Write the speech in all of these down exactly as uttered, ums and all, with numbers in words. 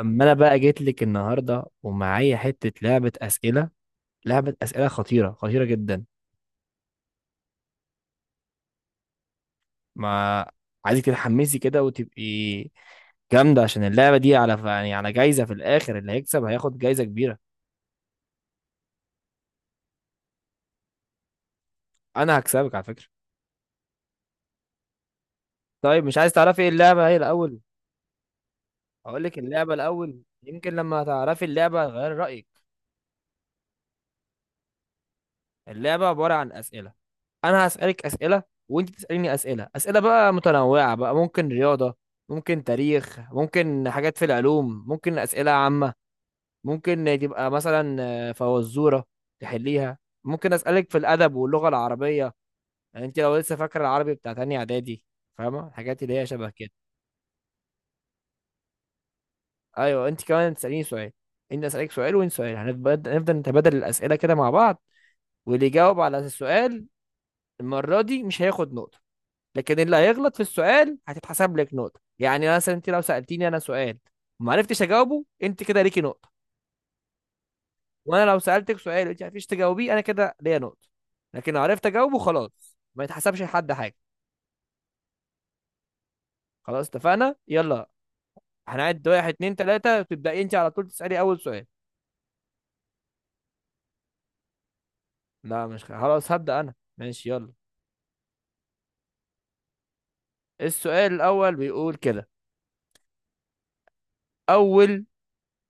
اما انا بقى جيت لك النهارده ومعايا حته لعبه اسئله. لعبه اسئله خطيره، خطيره جدا. ما عايزك تتحمسي كده وتبقي جامده، عشان اللعبه دي على يعني على جايزه في الاخر. اللي هيكسب هياخد جايزه كبيره. انا هكسبك على فكره. طيب مش عايز تعرفي ايه اللعبه هي الاول؟ هقول لك اللعبه الاول، يمكن لما تعرفي اللعبه هتغيري رايك. اللعبة عبارة عن أسئلة. أنا هسألك أسئلة وأنت تسأليني أسئلة. أسئلة بقى متنوعة بقى، ممكن رياضة، ممكن تاريخ، ممكن حاجات في العلوم، ممكن أسئلة عامة، ممكن تبقى مثلا آه، فوازورة تحليها. ممكن أسألك في الأدب واللغة العربية، يعني أنت لو لسه فاكرة العربي بتاع تانية إعدادي، فاهمة الحاجات اللي هي شبه كده. أيوه، أنت كمان تسأليني سؤال. أنت أسألك سؤال وأنت سؤال، هنبدأ نفضل نتبادل الأسئلة كده مع بعض. واللي يجاوب على السؤال المرة دي مش هياخد نقطة، لكن اللي هيغلط في السؤال هتتحسب لك نقطة. يعني مثلا انت لو سألتيني انا سؤال وما عرفتش اجاوبه، انت كده ليكي نقطة. وانا لو سألتك سؤال وانت ما عرفتيش تجاوبيه، انا كده ليا نقطة. لكن لو عرفت اجاوبه خلاص ما يتحسبش لحد حاجة. خلاص اتفقنا، يلا. هنعد واحد اتنين تلاتة، تبدأي انت على طول تسألي اول سؤال. لا، مش خلاص هبدأ انا، ماشي يلا. السؤال الاول بيقول كده: اول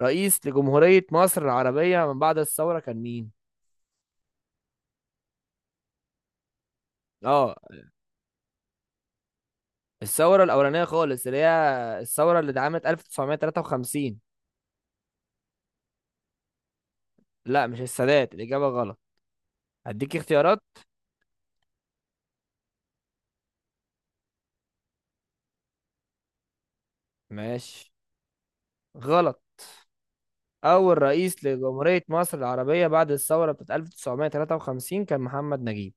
رئيس لجمهورية مصر العربية من بعد الثورة كان مين؟ اه. الثورة الأولانية خالص، اللي هي الثورة اللي اتعملت ألف وتسعمية تلاتة وخمسين. لا مش السادات، الإجابة غلط. هديك اختيارات. ماشي. غلط. أول رئيس لجمهورية مصر العربية بعد الثورة بتاعت ألف وتسعمية تلاتة وخمسين كان محمد نجيب.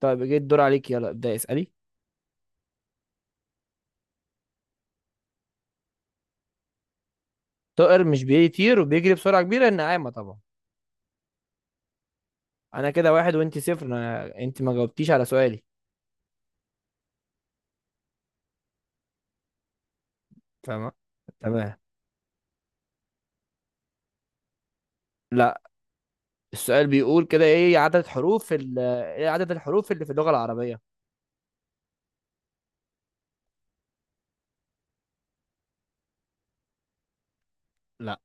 طيب جه الدور عليك، يلا ابدأ اسألي. طائر مش بيطير وبيجري بسرعة كبيرة، النعامة طبعا. أنا كده واحد وأنت صفر، أنا أنت ما جاوبتيش على سؤالي. فاهمة؟ تمام. لا. السؤال بيقول كده: إيه عدد حروف ال... إيه عدد الحروف اللي في اللغة العربية؟ لا.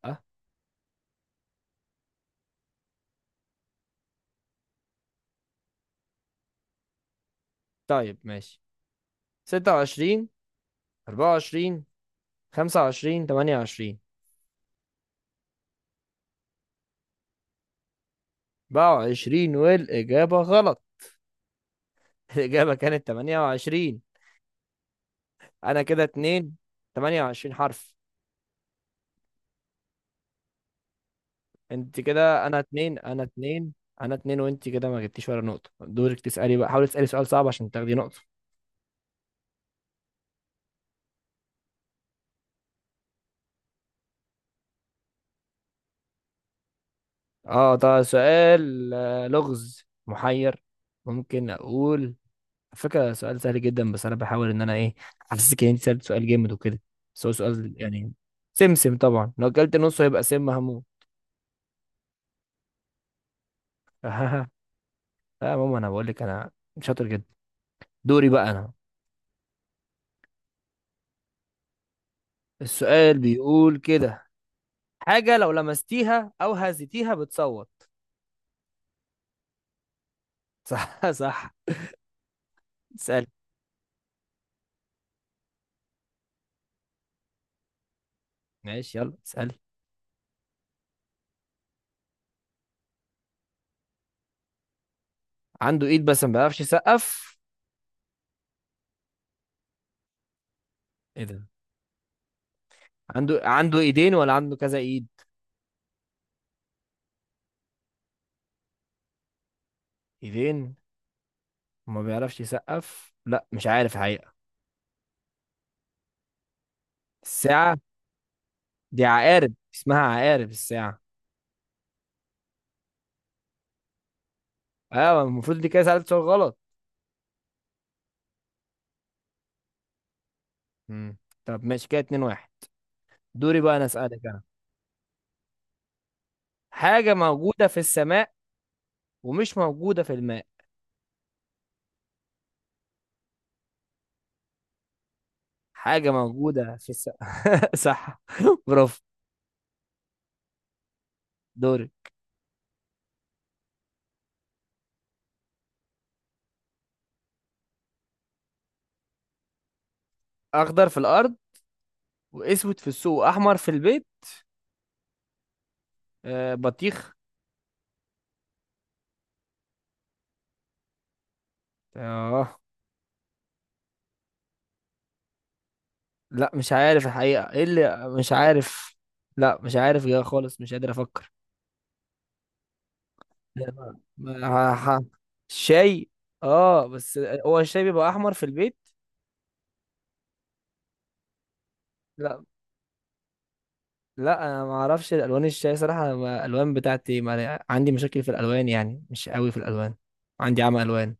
طيب ماشي، ستة وعشرين، أربعة وعشرين، خمسة وعشرين، تمانية وعشرين. بقى وعشرين والإجابة غلط. الإجابة كانت تمانية وعشرين. أنا كده اتنين. تمانية وعشرين حرف. أنت كده، أنا اتنين، أنا اتنين. أنا اتنين وأنت كده ما جبتيش ولا نقطة. دورك تسألي بقى، حاولي تسألي سؤال صعب عشان تاخدي نقطة. أه ده سؤال، آه، لغز محير. ممكن أقول؟ على فكرة سؤال سهل جدا، بس انا بحاول ان انا ايه احسسك ان انت سألت سؤال جامد وكده، بس هو سؤال يعني. سمسم طبعا، لو اكلت نصه هيبقى سم هموت. لا يا ماما انا بقول لك انا شاطر جدا. دوري بقى انا. السؤال بيقول كده: حاجة لو لمستيها او هزيتيها بتصوت. صح صح. اسأل. ماشي يلا اسأل. عنده ايد بس ما بيعرفش يسقف؟ ايه ده؟ عنده عنده ايدين ولا عنده كذا ايد؟ ايدين وما بيعرفش يسقف؟ لا مش عارف الحقيقة. الساعة. دي عقارب، اسمها عقارب الساعة. ايوه المفروض دي كده سألت سؤال غلط. مم. طب ماشي، كده اتنين واحد. دوري بقى انا اسألك انا. حاجة موجودة في السماء ومش موجودة في الماء. حاجة موجودة في السماء. صح. برافو. دوري. اخضر في الارض واسود في السوق واحمر في البيت. آه، بطيخ. اه. لا مش عارف الحقيقة ايه اللي مش عارف. لا مش عارف يا خالص، مش قادر افكر. ما- ما- ح- شاي. اه بس هو الشاي بيبقى احمر في البيت. لا. لا انا ما اعرفش الوان الشاي صراحه، أنا ما- الالوان بتاعتي ما عندي مشاكل في الالوان، يعني مش قوي في الالوان. عندي عمى الوان.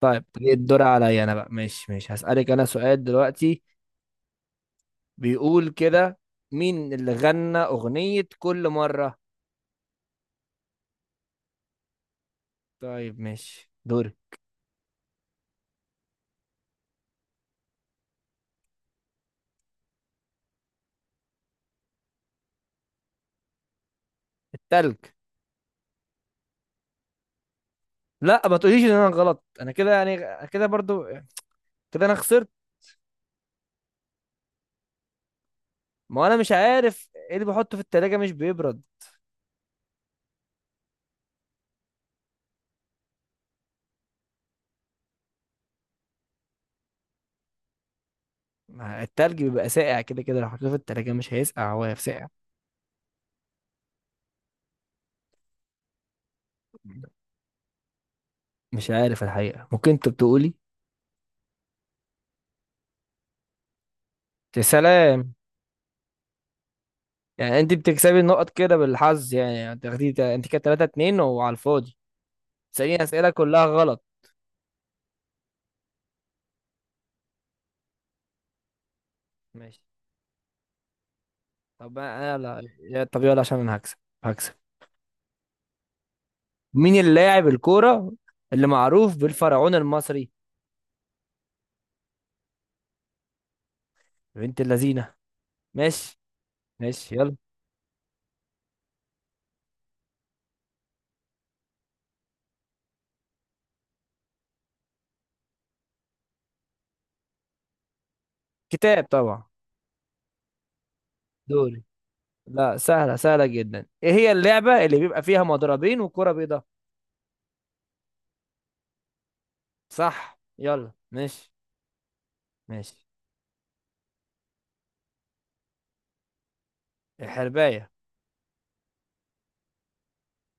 طيب دي الدور عليا انا بقى، ماشي ماشي، هسالك انا سؤال دلوقتي. بيقول كده: مين اللي غنى اغنيه كل مره؟ طيب ماشي، دوري. التلج. لا ما تقوليش ان انا غلط، انا كده يعني، كده برضو، كده انا خسرت. ما انا مش عارف ايه اللي بحطه في التلاجة مش بيبرد. ما التلج بيبقى ساقع كده كده، لو حطيته في التلاجة مش هيسقع، هو ساقع. مش عارف الحقيقة، ممكن انت بتقولي. يا سلام. يعني انت بتكسبي النقط كده بالحظ، يعني يعني تاخدي انت كده تلاتة اتنين وعلى الفاضي تسأليني اسئلة كلها غلط. ماشي. طب انا لا يا- طب يلا عشان انا هكسب. هكسب. مين اللاعب الكورة اللي معروف بالفرعون المصري؟ بنت اللذينة. ماشي. ماشي يلا. كتاب طبعا. دوري. لا سهلة سهلة جدا، ايه هي اللعبة اللي بيبقى فيها مضربين وكرة بيضاء؟ صح يلا ماشي. ماشي. الحرباية.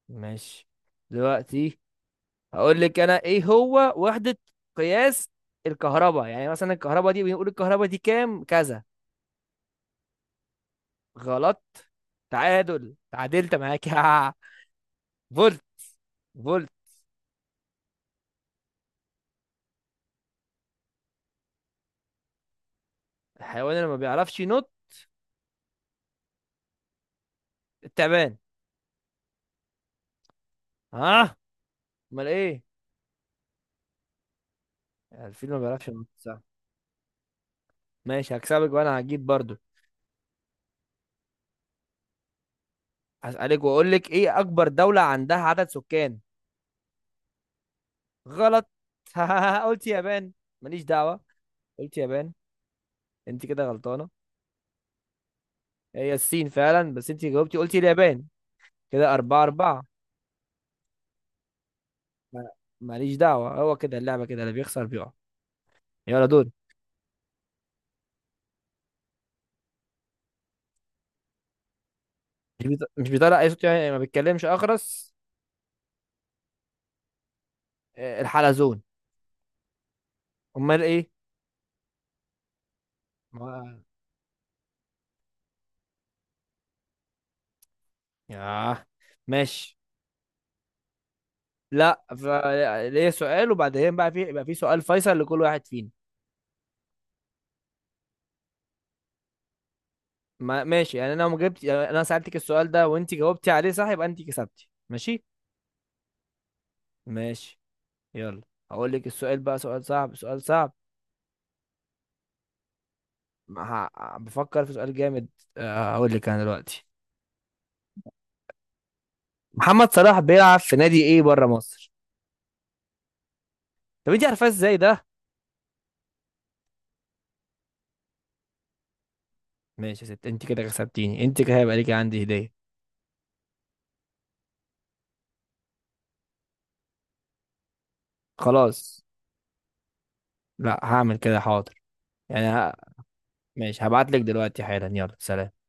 ماشي. دلوقتي هقول لك انا ايه هو وحدة قياس الكهرباء. يعني مثلا الكهرباء دي بنقول الكهرباء دي كام كذا. غلط. تعادل، تعادلت معاك. فولت. فولت. الحيوان اللي ما بيعرفش ينط؟ التعبان. ها؟ امال ايه؟ الفيل ما بيعرفش ينط، صح؟ ماشي، هكسبك وانا هجيب برضو. هسألك واقول لك ايه اكبر دولة عندها عدد سكان؟ غلط. قلت يابان، ماليش دعوة. قلت يابان. انت كده غلطانة. هي الصين فعلا، بس انت جاوبتي قلتي اليابان. كده أربعة أربعة. ما- ماليش دعوة، هو كده اللعبة كده، اللي بيخسر بيقع. يلا دول. مش بيط- مش بيطلع اي صوت، يعني ما بيتكلمش، اخرس. آه، الحلزون. امال ايه؟ ما- ياه. ماشي. لا ف- ليا سؤال وبعدين بقى في، يبقى في سؤال فيصل لكل واحد فينا. ما ماشي، يعني انا لو ما جبت، يعني انا سألتك السؤال ده وانت جاوبتي عليه صح يبقى انت كسبتي، ماشي. ماشي يلا. هقول لك السؤال بقى سؤال صعب، سؤال صعب. ما ه- بفكر في سؤال جامد. آه، هقول لك انا دلوقتي. محمد صلاح بيلعب في نادي ايه بره مصر؟ طب انت عارفاه ازاي ده؟ ماشي يا ست، انت كده كسبتيني، انت كده هيبقى ليكي عندي هدية. خلاص. لا هعمل كده، حاضر. يعني ه... ماشي هبعت لك دلوقتي حالا، يلا سلام.